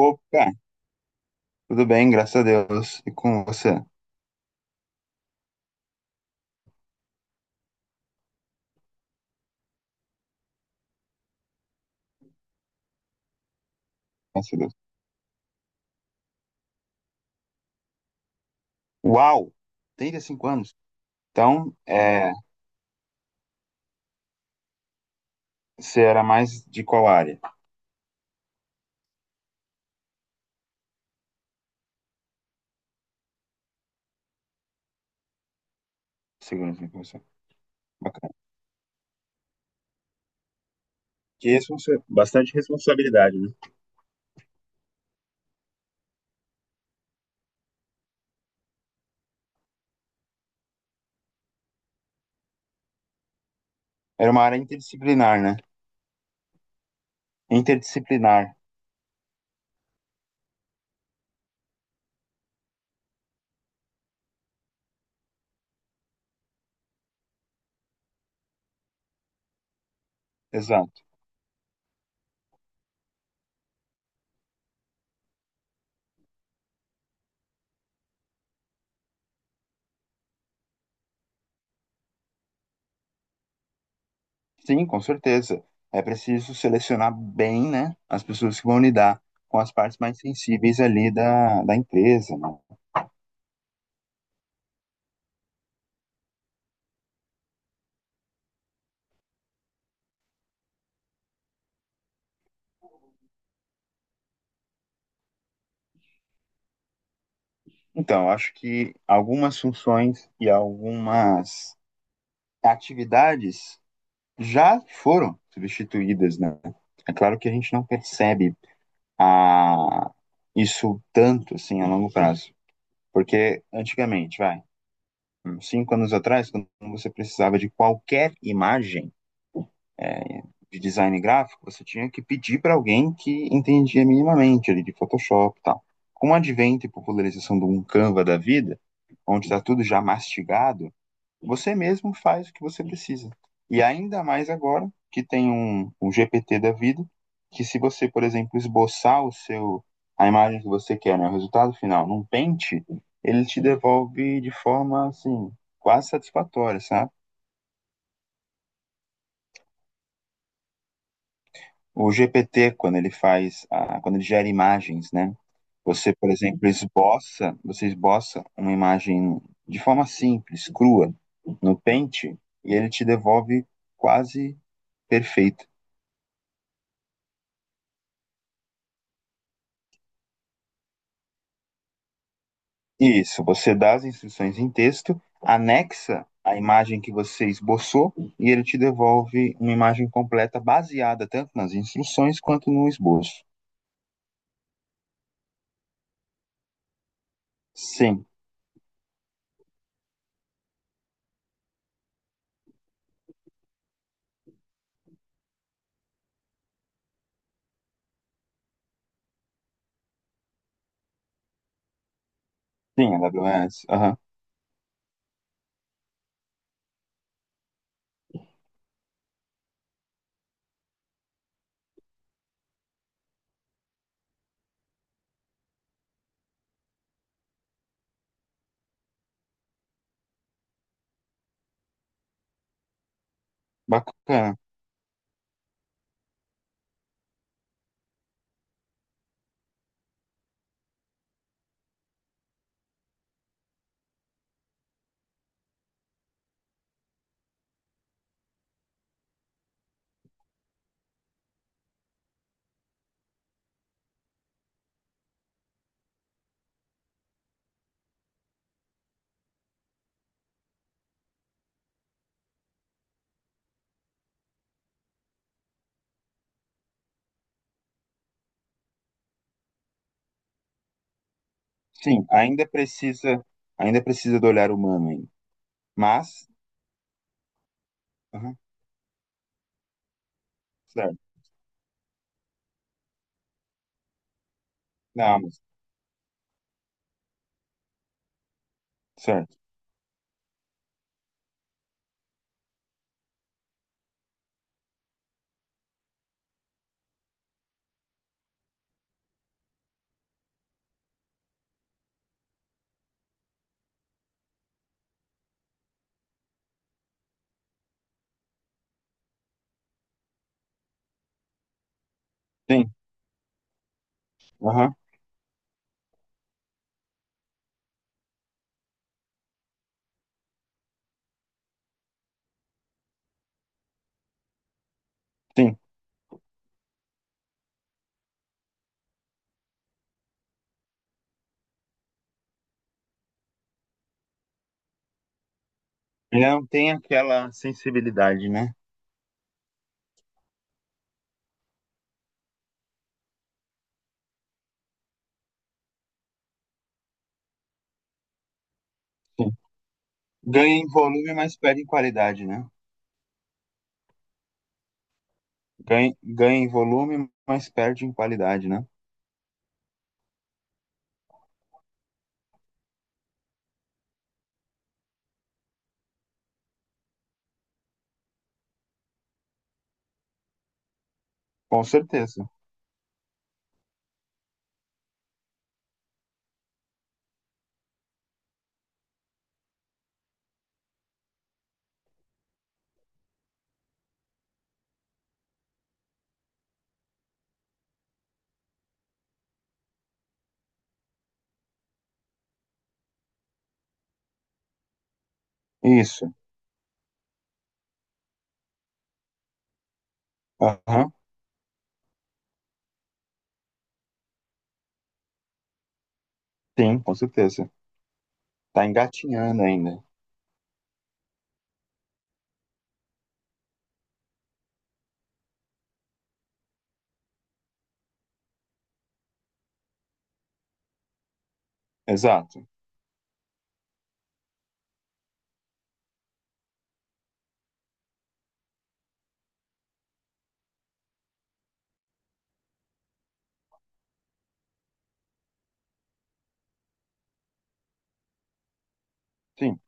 Opa, tudo bem, graças a Deus. E com você? Graças a Deus. Uau, 35 anos. Então, é, você era mais de qual área? Segurança da informação. Bacana. Bastante responsabilidade, né? Era uma área interdisciplinar, né? Interdisciplinar, exato. Sim, com certeza. É preciso selecionar bem, né, as pessoas que vão lidar com as partes mais sensíveis ali da, da empresa, né? Então, eu acho que algumas funções e algumas atividades já foram substituídas, né? É claro que a gente não percebe a... isso tanto, assim, a longo prazo. Porque antigamente, vai, 5 anos atrás, quando você precisava de qualquer imagem é, de design gráfico, você tinha que pedir para alguém que entendia minimamente ali de Photoshop e tal. Com o advento e popularização do um Canva da vida, onde está tudo já mastigado, você mesmo faz o que você precisa. E ainda mais agora que tem um GPT da vida, que se você, por exemplo, esboçar o seu a imagem que você quer, né, o resultado final, num pente, ele te devolve de forma assim quase satisfatória, sabe? O GPT quando ele faz a, quando ele gera imagens, né? Você, por exemplo, esboça, você esboça uma imagem de forma simples, crua, no Paint, e ele te devolve quase perfeita. Isso, você dá as instruções em texto, anexa a imagem que você esboçou e ele te devolve uma imagem completa baseada tanto nas instruções quanto no esboço. Sim, sim, AWS. Aham. Bacana. Sim, ainda precisa do olhar humano ainda. Mas, aham, certo. Na Amazon, certo. Sim, aham, sim. Ele não tem aquela sensibilidade, né? Sim. Ganha em volume, mas perde em qualidade, né? Ganha em volume, mas perde em qualidade, né? Com certeza. Isso. Aham. Sim, com certeza. Tá engatinhando ainda. Exato. Sim,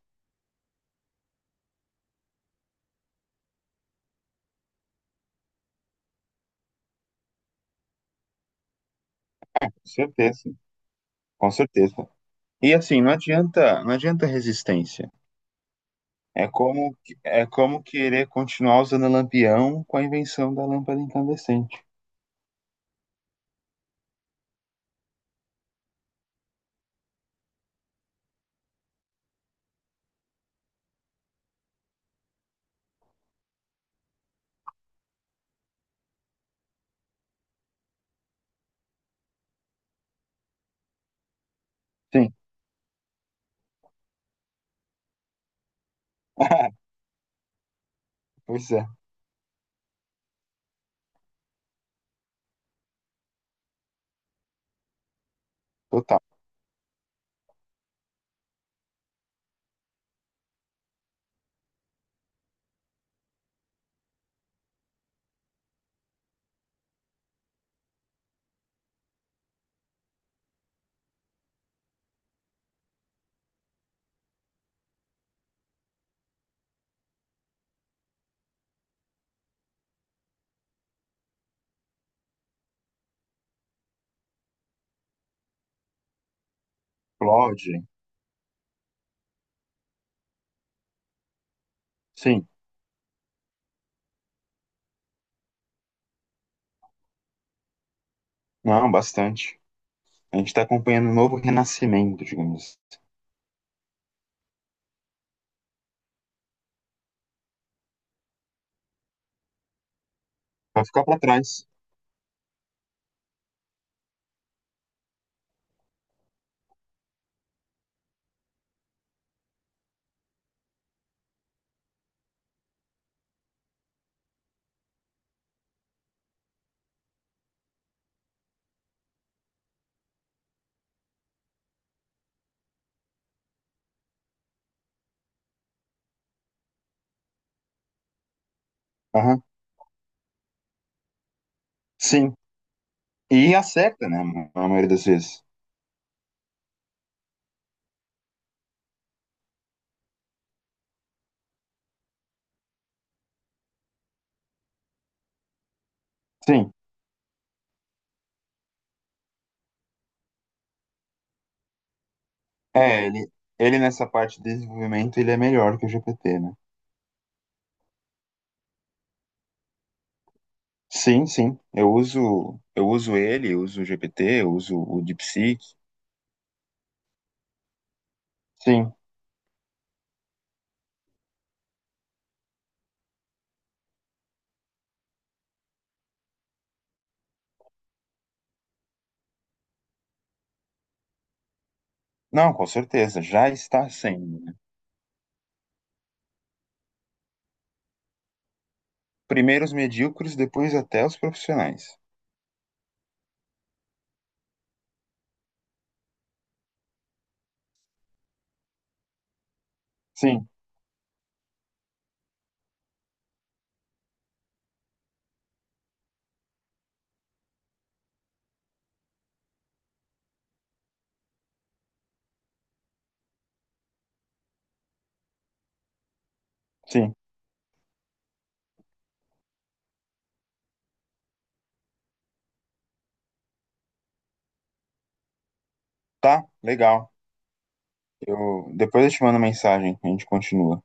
com certeza. Com certeza. E assim, não adianta, não adianta resistência. É como querer continuar usando lampião com a invenção da lâmpada incandescente. Sim. Pois é, total. Explode. Sim. Não, bastante. A gente está acompanhando um novo renascimento, digamos. Vai ficar para trás. Aham. Sim. E acerta, né? Na maioria das vezes. Sim. É, ele nessa parte de desenvolvimento, ele é melhor que o GPT, né? Sim, sim. Eu uso ele, eu uso o GPT, eu uso o DeepSeek. Sim. Não, com certeza. Já está sendo, né? Primeiro os medíocres, depois até os profissionais. Sim, sim. Tá, legal. Eu, depois eu te mando mensagem, a gente continua.